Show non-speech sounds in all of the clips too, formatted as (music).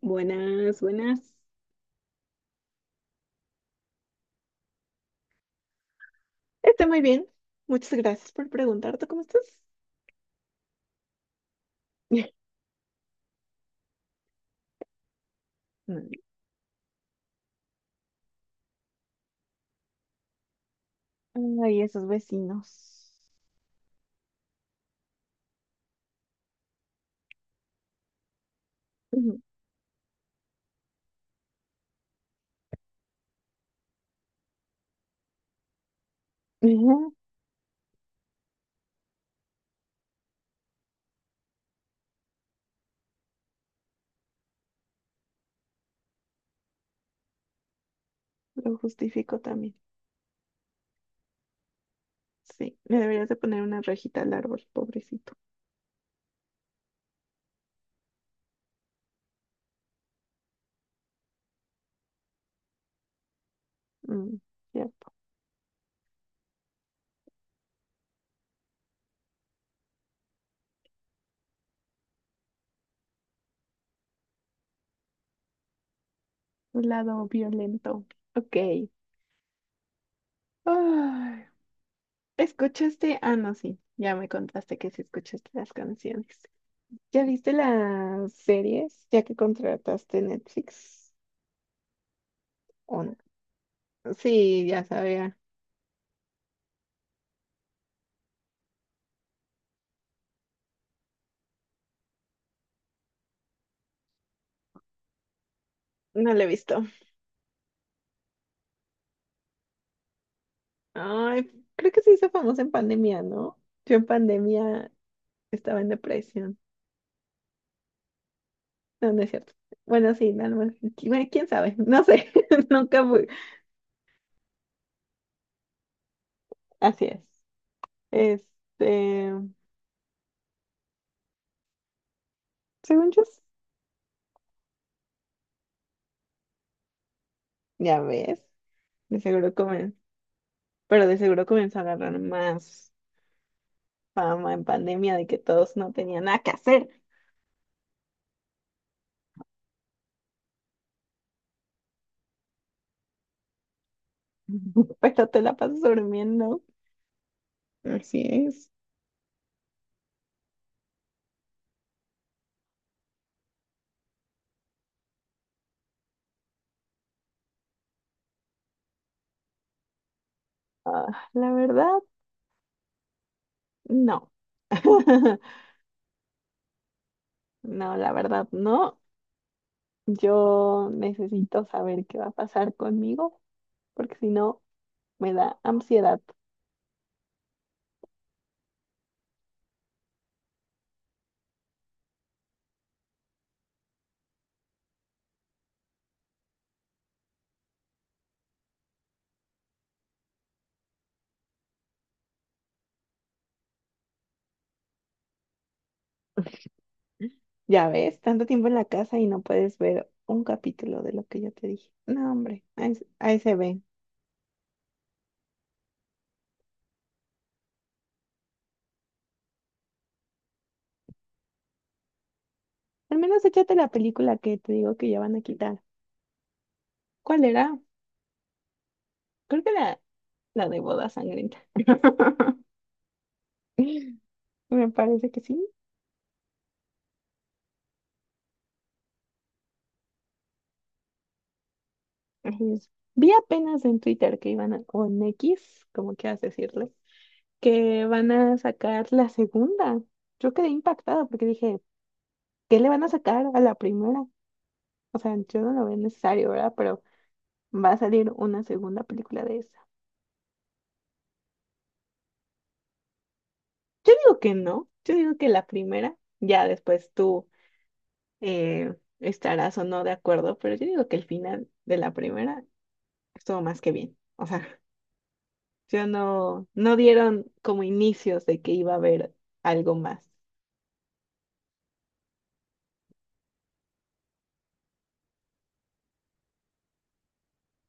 Buenas, buenas. Estoy muy bien. Muchas gracias por preguntar. ¿Tú cómo estás? (laughs) Mm, ay, esos vecinos. Ujú. Ujú, lo justifico también. Sí, le deberías de poner una rejita al árbol, pobrecito. Mm, ya, un lado violento. Ok. Ay, ¿escuchaste? Ah, no, sí. Ya me contaste que sí escuchaste las canciones. ¿Ya viste las series ya que contrataste Netflix? ¿O no? Sí, ya sabía. No la he visto. Ay, creo que se hizo famosa en pandemia, ¿no? Yo en pandemia estaba en depresión. No, no es cierto. Bueno, sí, no, no, bueno, quién sabe, no sé, (laughs) nunca fui. Así es. Este, según yo, ya ves, de seguro comen, pero de seguro comenzó a agarrar más fama en pandemia de que todos no tenían nada que hacer, (laughs) pero te la pasas durmiendo. Así es. Ah, la verdad, no. (laughs) No, la verdad no. Yo necesito saber qué va a pasar conmigo, porque si no, me da ansiedad. Ya ves, tanto tiempo en la casa y no puedes ver un capítulo de lo que yo te dije. No, hombre, ahí, ahí se ve. Al menos échate la película que te digo que ya van a quitar. ¿Cuál era? Creo que la de Boda Sangrienta. (laughs) Me parece que sí. Así es. Vi apenas en Twitter que iban a, o en X, como quieras decirle, que van a sacar la segunda. Yo quedé impactada porque dije, ¿qué le van a sacar a la primera? O sea, yo no lo veo necesario, ¿verdad? Pero va a salir una segunda película de esa. Yo digo que no, yo digo que la primera, ya después tú eh, estarás o no de acuerdo, pero yo digo que el final de la primera estuvo más que bien. O sea, yo no, no dieron como inicios de que iba a haber algo más.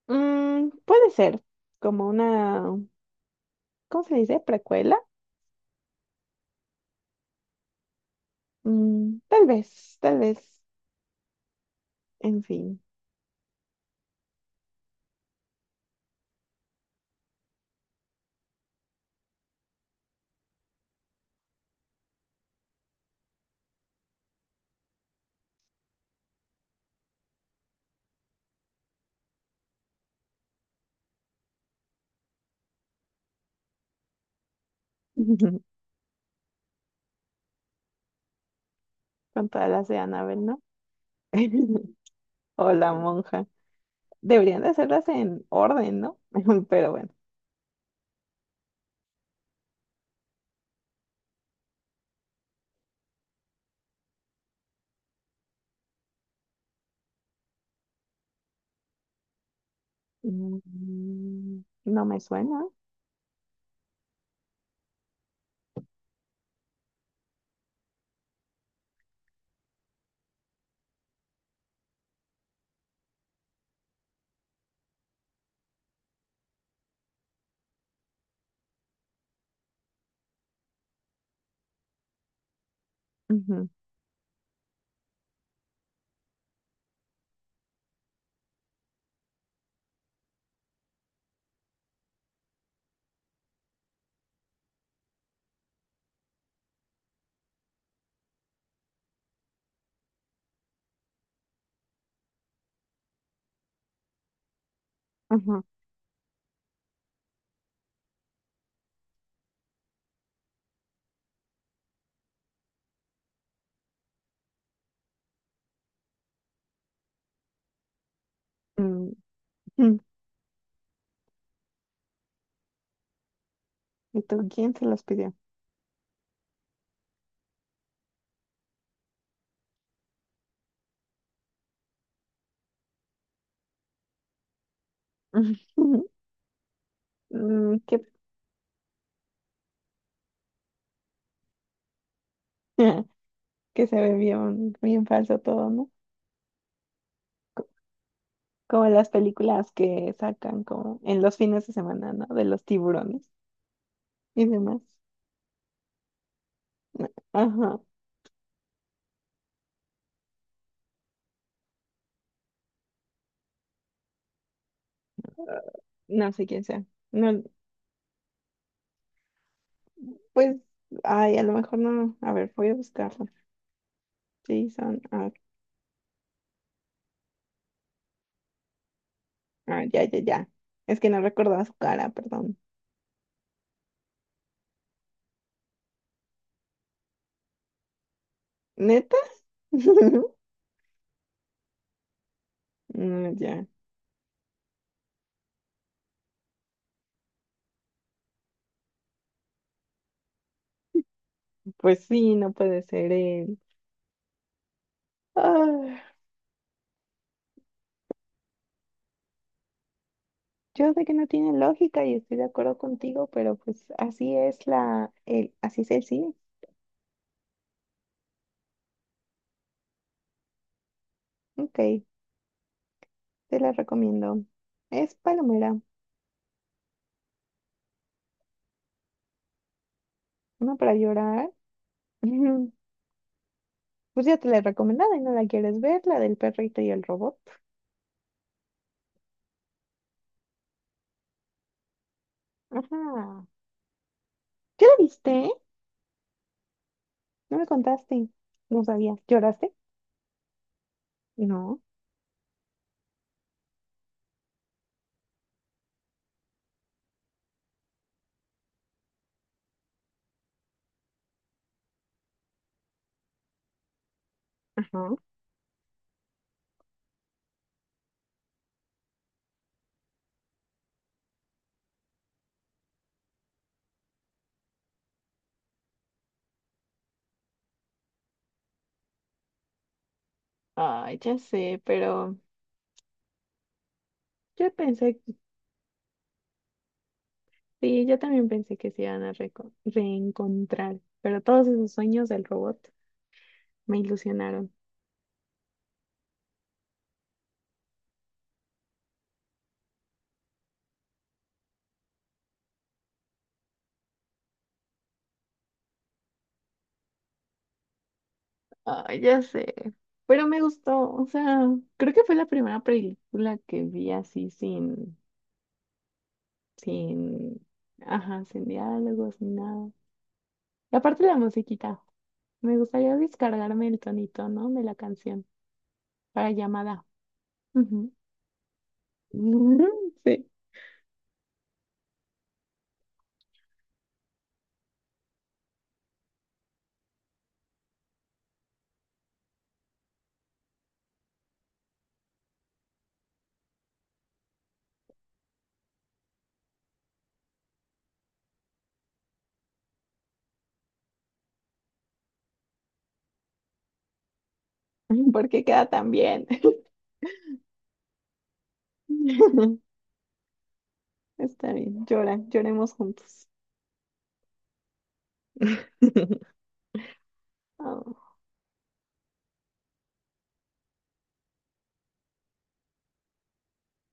Mm, puede ser como una, ¿cómo se dice? ¿Precuela? Mm, tal vez, en fin, (laughs) con todas las de Annabelle, ¿no? (laughs) O la monja. Deberían de hacerlas en orden, ¿no? (laughs) Pero bueno, mm, no me suena. Ujú, ujú, mm, mm. ¿Y tú quién se los pidió? (laughs) Mm, ¿qué? (laughs) Que se ve bien, bien falso todo, ¿no? Como las películas que sacan como en los fines de semana, ¿no? De los tiburones y demás. No, ajá, no sé quién sea. No, pues, ay, a lo mejor no. A ver, voy a buscarlo. Jason, ah, ah, ya, ya, ya. Es que no recordaba su cara, perdón. ¿Neta? (laughs) No, ya. Pues sí, no puede ser él. Ah, yo sé que no tiene lógica y estoy de acuerdo contigo, pero pues así es la, el, así es el cine. Ok, te la recomiendo. Es Palomera, una para llorar. (laughs) Pues ya te la he recomendado y no la quieres ver, la del perrito y el robot. Ajá. ¿Ya la viste? No me contaste. No sabía. ¿Lloraste? No. Ajá. Ay, ya sé, pero yo pensé, sí, yo también pensé que se iban a reencontrar, pero todos esos sueños del robot me ilusionaron. Ay, ya sé, pero me gustó, o sea, creo que fue la primera película que vi así sin, sin, ajá, sin diálogos ni nada. Y aparte la musiquita, me gustaría descargarme el tonito, ¿no? De la canción para llamada. Ujú. (laughs) Sí, porque queda tan bien. (laughs) (laughs) Está bien, llora, lloremos juntos. (laughs) Oh.